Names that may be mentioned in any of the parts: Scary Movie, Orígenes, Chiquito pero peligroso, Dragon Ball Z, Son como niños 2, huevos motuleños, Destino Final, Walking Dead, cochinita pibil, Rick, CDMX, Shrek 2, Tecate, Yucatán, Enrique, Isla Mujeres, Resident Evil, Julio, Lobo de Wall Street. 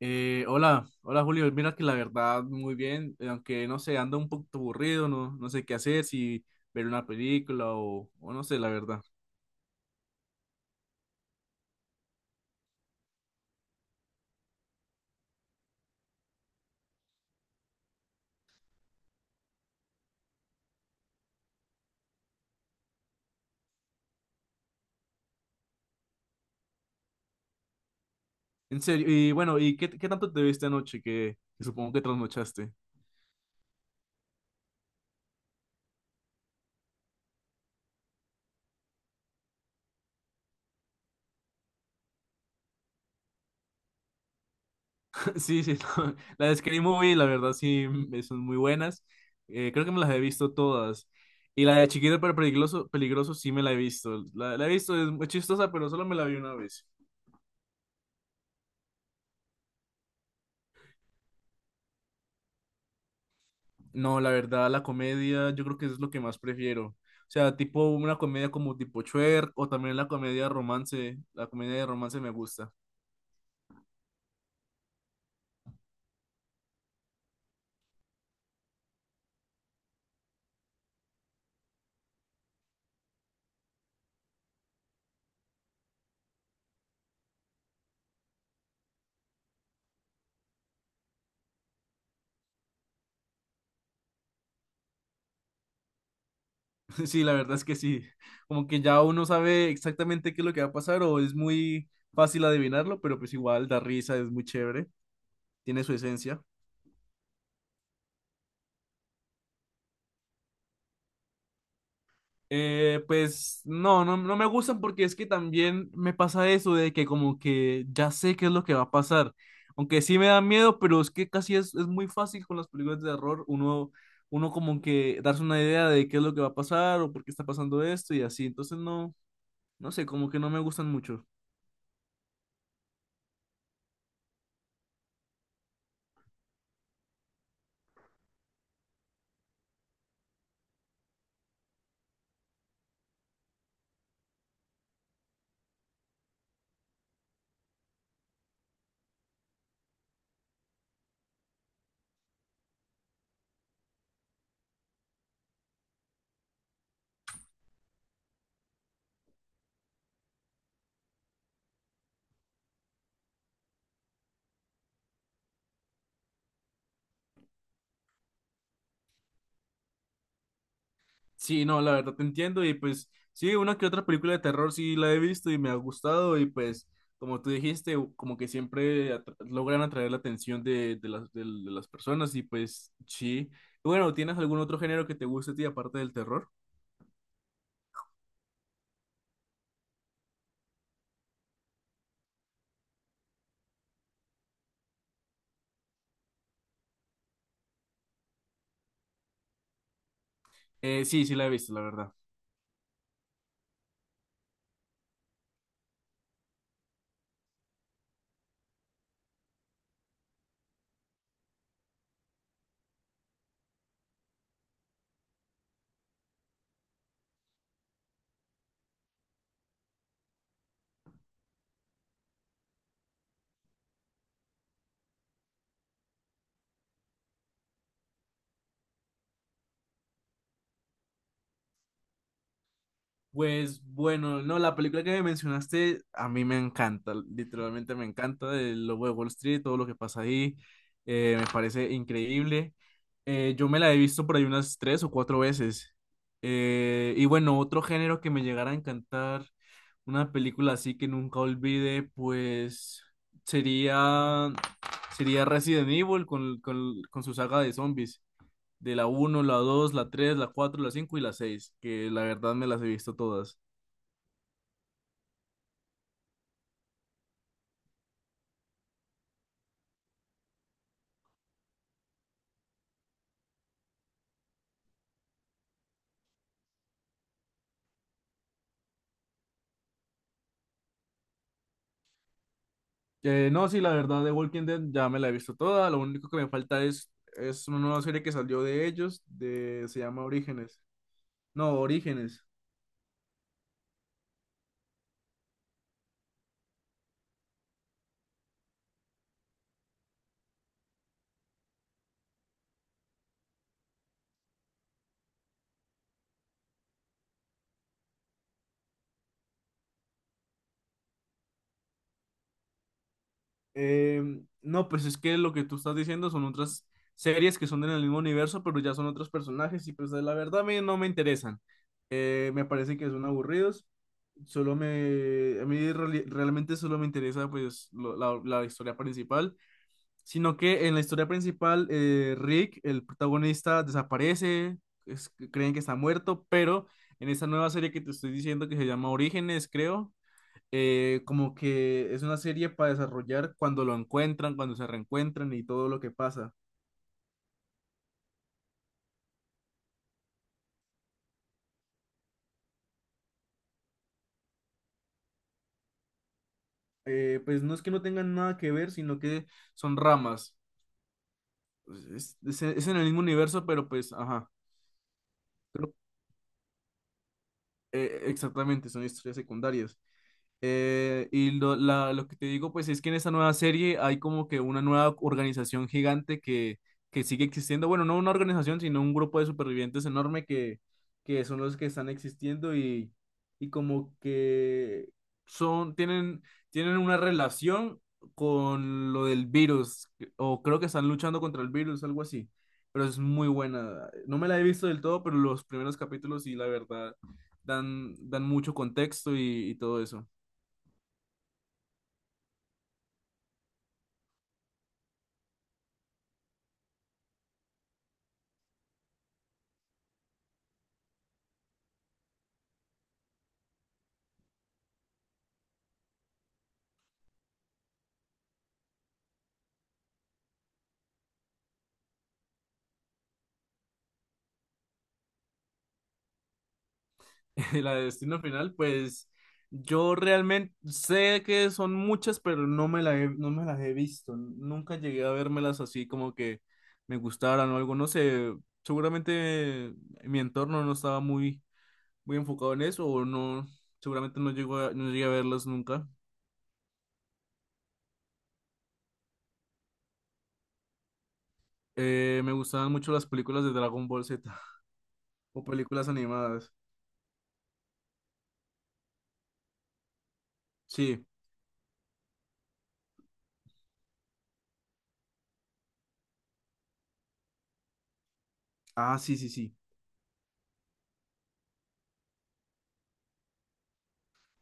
Hola Julio, mira que la verdad muy bien, aunque no sé, ando un poco aburrido, no, no sé qué hacer, si ver una película o no sé, la verdad. En serio, y bueno, ¿y qué tanto te viste anoche que supongo que trasnochaste? Sí, sí, no, las de Scary Movie, la verdad sí, son muy buenas, creo que me las he visto todas. Y la de Chiquito pero peligroso, peligroso sí me la he visto, la he visto, es muy chistosa, pero solo me la vi una vez. No, la verdad, la comedia yo creo que es lo que más prefiero. O sea, tipo una comedia como tipo Shrek o también la comedia romance. La comedia de romance me gusta. Sí, la verdad es que sí. Como que ya uno sabe exactamente qué es lo que va a pasar o es muy fácil adivinarlo, pero pues igual da risa, es muy chévere, tiene su esencia. Pues no, no, no me gustan porque es que también me pasa eso de que como que ya sé qué es lo que va a pasar. Aunque sí me da miedo, pero es que casi es muy fácil con las películas de terror uno como que darse una idea de qué es lo que va a pasar o por qué está pasando esto y así. Entonces no, no sé, como que no me gustan mucho. Sí, no, la verdad te entiendo y pues sí, una que otra película de terror sí la he visto y me ha gustado y pues como tú dijiste, como que siempre logran atraer la atención de las personas y pues sí. Bueno, ¿tienes algún otro género que te guste a ti aparte del terror? Sí, sí la he visto, la verdad. Pues bueno, no, la película que me mencionaste a mí me encanta, literalmente me encanta, el Lobo de Wall Street, todo lo que pasa ahí, me parece increíble. Yo me la he visto por ahí unas tres o cuatro veces. Y bueno, otro género que me llegara a encantar, una película así que nunca olvide, pues sería, sería Resident Evil con su saga de zombies de la uno, la 2, la 3, la 4, la 5 y la 6, que la verdad me las he visto todas. No, sí, la verdad de Walking Dead ya me la he visto toda, lo único que me falta es una nueva serie que salió de ellos, se llama Orígenes. No, Orígenes. No, pues es que lo que tú estás diciendo son otras series que son en el mismo universo, pero ya son otros personajes y pues la verdad a mí no me interesan. Me parece que son aburridos. A mí realmente solo me interesa pues la historia principal sino que en la historia principal, Rick, el protagonista, desaparece, creen que está muerto, pero en esta nueva serie que te estoy diciendo que se llama Orígenes, creo, como que es una serie para desarrollar cuando lo encuentran, cuando se reencuentran y todo lo que pasa. Pues no es que no tengan nada que ver, sino que son ramas. Es en el mismo universo, pero pues, ajá, creo- exactamente, son historias secundarias. Y lo que te digo, pues es que en esta nueva serie hay como que una nueva organización gigante que sigue existiendo. Bueno, no una organización, sino un grupo de supervivientes enorme que son los que están existiendo y como que son, tienen, tienen una relación con lo del virus, o creo que están luchando contra el virus, algo así. Pero es muy buena. No me la he visto del todo, pero los primeros capítulos sí, la verdad, dan mucho contexto y todo eso. La de Destino Final, pues yo realmente sé que son muchas, pero no me las he visto. Nunca llegué a vérmelas así como que me gustaran o algo. No sé, seguramente mi entorno no estaba muy, muy enfocado en eso o no, seguramente no llegué a verlas nunca. Me gustaban mucho las películas de Dragon Ball Z o películas animadas. Sí. Ah, sí, sí, sí.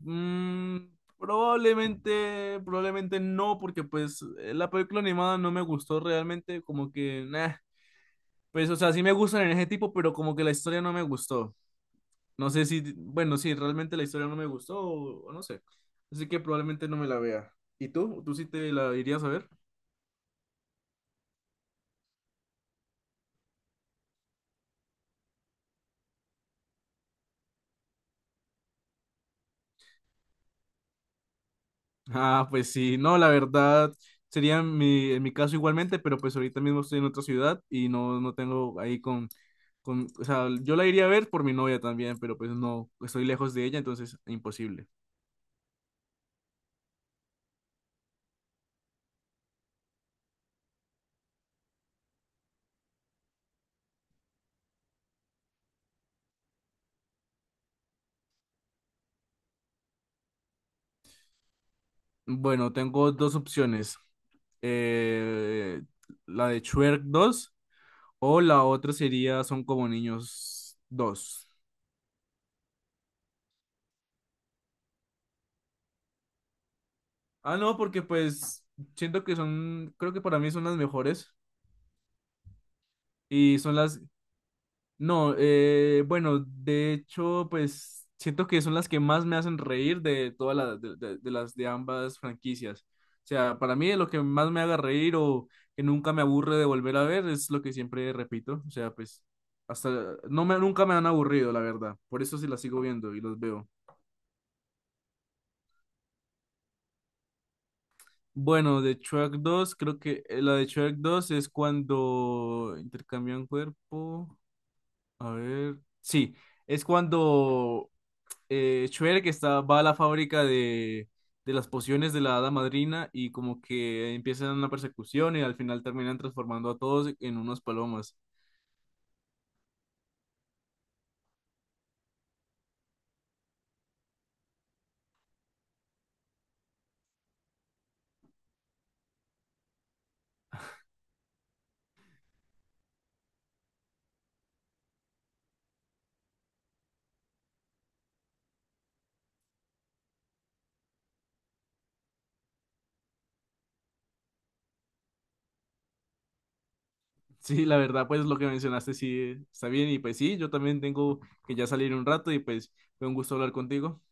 Mm, probablemente, probablemente no, porque pues la película animada no me gustó realmente, como que, nah, pues o sea, sí me gustan en ese tipo, pero como que la historia no me gustó. No sé si, bueno, sí, realmente la historia no me gustó o no sé. Así que probablemente no me la vea. ¿Y tú? ¿Tú sí te la irías a ver? Ah, pues sí, no, la verdad sería en mi caso igualmente, pero pues ahorita mismo estoy en otra ciudad y no, no tengo ahí o sea, yo la iría a ver por mi novia también, pero pues no, estoy lejos de ella, entonces imposible. Bueno, tengo dos opciones, eh, la de Shrek 2 o la otra sería Son como niños 2. Ah, no, porque pues siento que son, creo que para mí son las mejores y son las no, bueno, de hecho, pues siento que son las que más me hacen reír de todas de las de ambas franquicias. O sea, para mí lo que más me haga reír o que nunca me aburre de volver a ver es lo que siempre repito. O sea, pues hasta no me nunca me han aburrido, la verdad. Por eso sí las sigo viendo y los veo. Bueno, de Shrek dos creo que la de Shrek dos es cuando intercambian cuerpo. A ver, sí, es cuando Shrek va a la fábrica de las pociones de la hada madrina y como que empiezan una persecución y al final terminan transformando a todos en unos palomas. Sí, la verdad, pues lo que mencionaste sí está bien y pues sí, yo también tengo que ya salir un rato y pues fue un gusto hablar contigo.